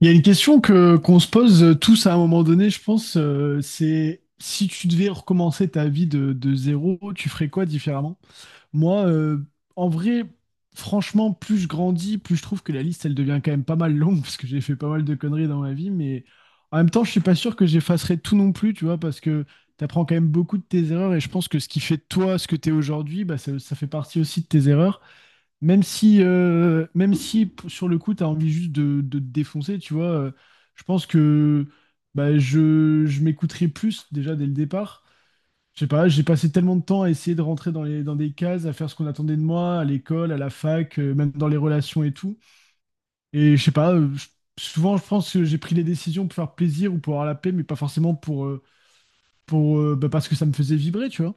Il y a une question que qu'on se pose tous à un moment donné, je pense, c'est si tu devais recommencer ta vie de zéro, tu ferais quoi différemment? Moi, en vrai, franchement, plus je grandis, plus je trouve que la liste, elle devient quand même pas mal longue parce que j'ai fait pas mal de conneries dans ma vie, mais en même temps, je suis pas sûr que j'effacerais tout non plus, tu vois, parce que tu apprends quand même beaucoup de tes erreurs et je pense que ce qui fait de toi ce que tu es aujourd'hui, bah, ça fait partie aussi de tes erreurs. Même si sur le coup, tu as envie juste de te défoncer, tu vois, je pense que bah, je m'écouterai plus déjà dès le départ. Je sais pas, j'ai passé tellement de temps à essayer de rentrer dans dans des cases, à faire ce qu'on attendait de moi, à l'école, à la fac, même dans les relations et tout. Et je sais pas, souvent je pense que j'ai pris les décisions pour faire plaisir ou pour avoir la paix, mais pas forcément pour, bah, parce que ça me faisait vibrer, tu vois.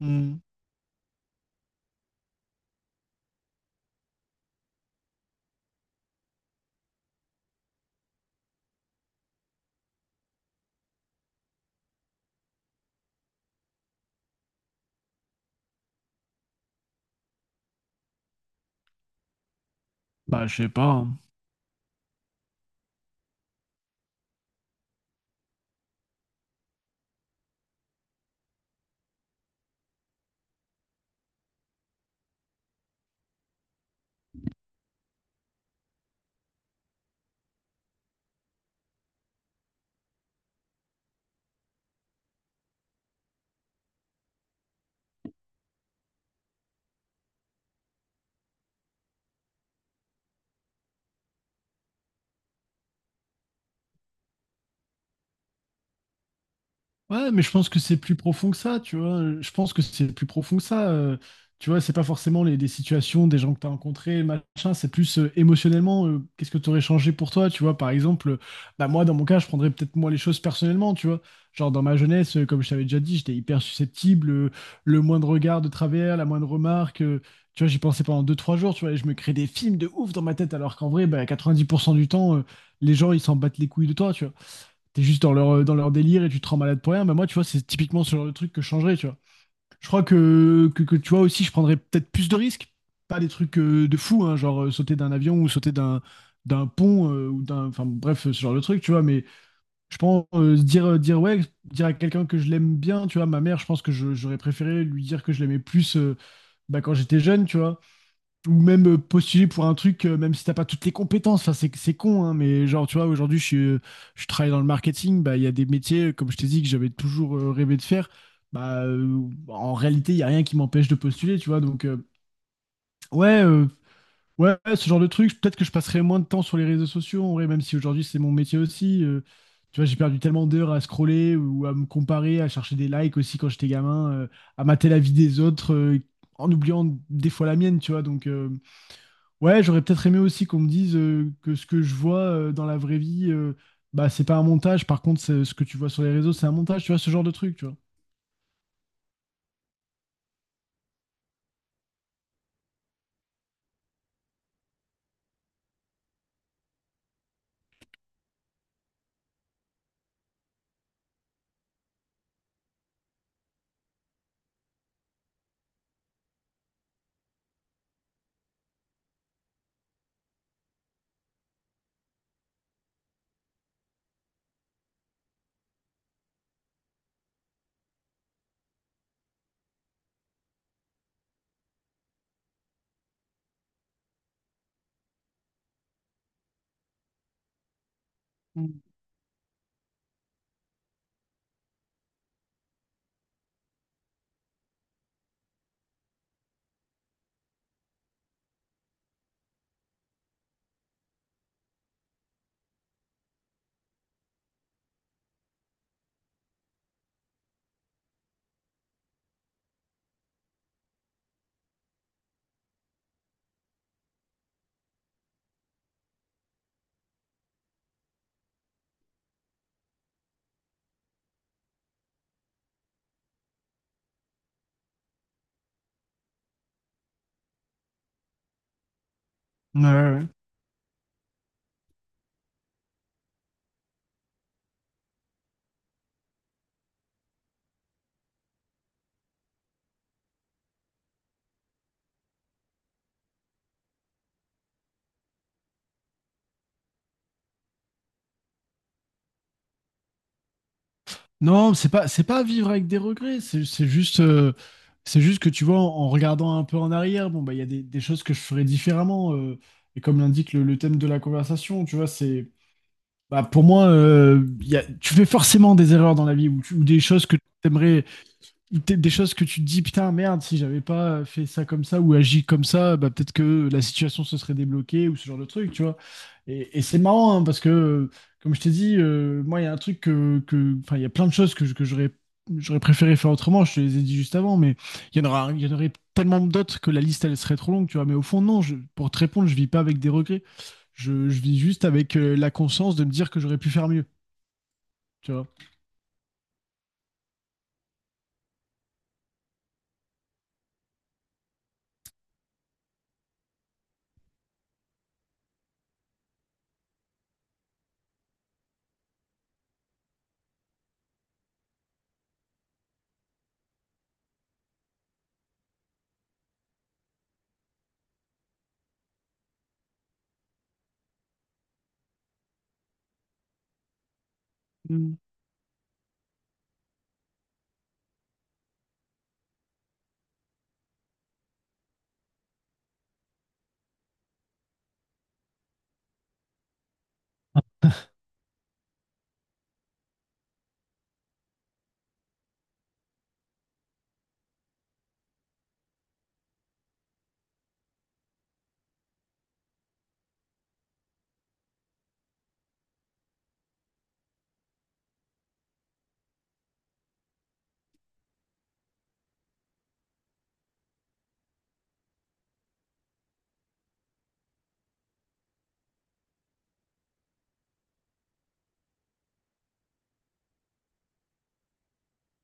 Hmm. Bah, je sais pas, hein. Ouais, mais je pense que c'est plus profond que ça, tu vois. Je pense que c'est plus profond que ça. Tu vois, c'est pas forcément des situations, des gens que tu as rencontrés, machin. C'est plus émotionnellement, qu'est-ce que tu aurais changé pour toi, tu vois. Par exemple, bah moi, dans mon cas, je prendrais peut-être moi les choses personnellement, tu vois. Genre, dans ma jeunesse, comme je t'avais déjà dit, j'étais hyper susceptible. Le moindre regard de travers, la moindre remarque, tu vois, j'y pensais pendant deux, trois jours, tu vois. Et je me crée des films de ouf dans ma tête, alors qu'en vrai, bah, 90% du temps, les gens, ils s'en battent les couilles de toi, tu vois. T'es juste dans dans leur délire et tu te rends malade pour rien. Mais moi, tu vois, c'est typiquement ce genre de truc que je changerais, tu vois. Je crois que tu vois aussi, je prendrais peut-être plus de risques. Pas des trucs de fou, hein, genre sauter d'un avion ou sauter d'un pont ou d'un. Enfin bref, ce genre de truc, tu vois. Mais je pense se dire, dire ouais, dire à quelqu'un que je l'aime bien, tu vois. Ma mère, je pense que j'aurais préféré lui dire que je l'aimais plus bah, quand j'étais jeune, tu vois ou même postuler pour un truc, même si t'as pas toutes les compétences. Enfin, c'est con, hein, mais genre, tu vois, aujourd'hui, je travaille dans le marketing. Bah, il y a des métiers, comme je t'ai dit, que j'avais toujours rêvé de faire. Bah, en réalité, il y a rien qui m'empêche de postuler, tu vois. Donc, ouais, euh, ouais, ce genre de truc. Peut-être que je passerai moins de temps sur les réseaux sociaux, en vrai, même si aujourd'hui, c'est mon métier aussi. Tu vois, j'ai perdu tellement d'heures à scroller ou à me comparer, à chercher des likes aussi quand j'étais gamin, à mater la vie des autres, en oubliant des fois la mienne, tu vois. Donc, ouais, j'aurais peut-être aimé aussi qu'on me dise que ce que je vois dans la vraie vie, bah c'est pas un montage. Par contre, ce que tu vois sur les réseaux, c'est un montage. Tu vois ce genre de truc, tu vois. Mm. Ouais, ouais, ouais. Non, c'est pas vivre avec des regrets. C'est juste c'est juste que tu vois en regardant un peu en arrière, bon bah il y a des choses que je ferais différemment. Et comme l'indique le thème de la conversation, tu vois, c'est bah pour moi il y a- tu fais forcément des erreurs dans la vie ou, ou des choses que tu des choses que tu te dis, putain, merde, si j'avais pas fait ça comme ça ou agi comme ça, bah, peut-être que la situation se serait débloquée ou ce genre de truc, tu vois. Et c'est marrant hein, parce que, comme je t'ai dit, moi, il y a un truc enfin, il y a plein de choses que j'aurais préféré faire autrement, je te les ai dit juste avant, mais il y en aurait tellement d'autres que la liste, elle serait trop longue, tu vois. Mais au fond, non, pour te répondre, je vis pas avec des regrets. Je vis juste avec la conscience de me dire que j'aurais pu faire mieux, tu vois.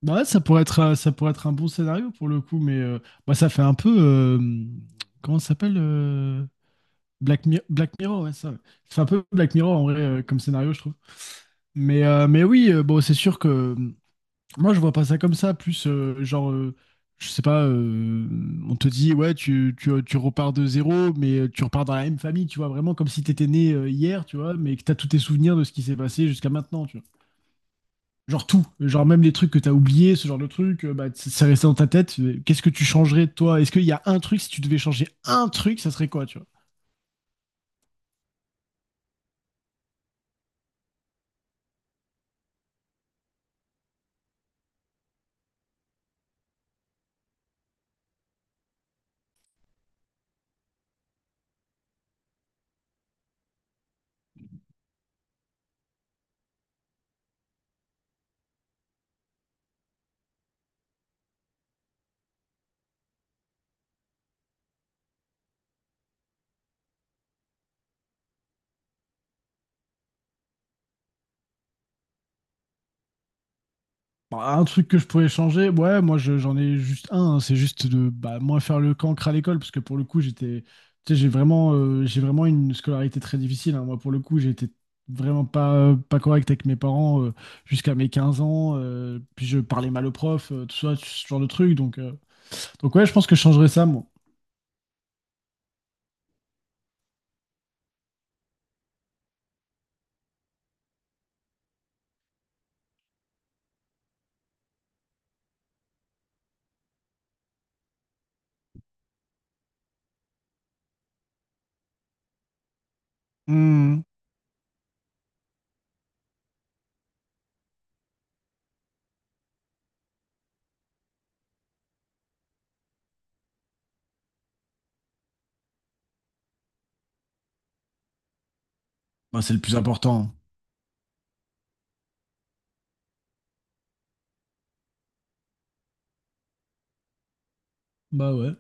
Ouais, ça pourrait être un bon scénario pour le coup, mais bah, ça fait un peu. Comment ça s'appelle Black, Black Mirror, ouais, ça. Ça fait un peu Black Mirror en vrai comme scénario, je trouve. Mais oui, bon, c'est sûr que moi, je vois pas ça comme ça. Plus, genre, je sais pas, on te dit, ouais, tu repars de zéro, mais tu repars dans la même famille, tu vois, vraiment comme si t'étais né hier, tu vois, mais que t'as tous tes souvenirs de ce qui s'est passé jusqu'à maintenant. Genre tout, genre même les trucs que t'as oubliés, ce genre de trucs, bah, c'est resté dans ta tête. Qu'est-ce que tu changerais toi? Est-ce qu'il y a un truc, si tu devais changer un truc, ça serait quoi, tu vois? Bah, un truc que je pourrais changer, ouais, j'en ai juste un, hein, c'est juste de bah, moins faire le cancre à l'école, parce que pour le coup, j'étais, tu sais, j'ai vraiment une scolarité très difficile, hein. Moi, pour le coup, j'ai été vraiment pas, pas correct avec mes parents jusqu'à mes 15 ans, puis je parlais mal aux profs, tout ça, ce genre de truc. Donc ouais, je pense que je changerais ça, moi. Hmm. Bah, c'est le plus important. Bah ouais.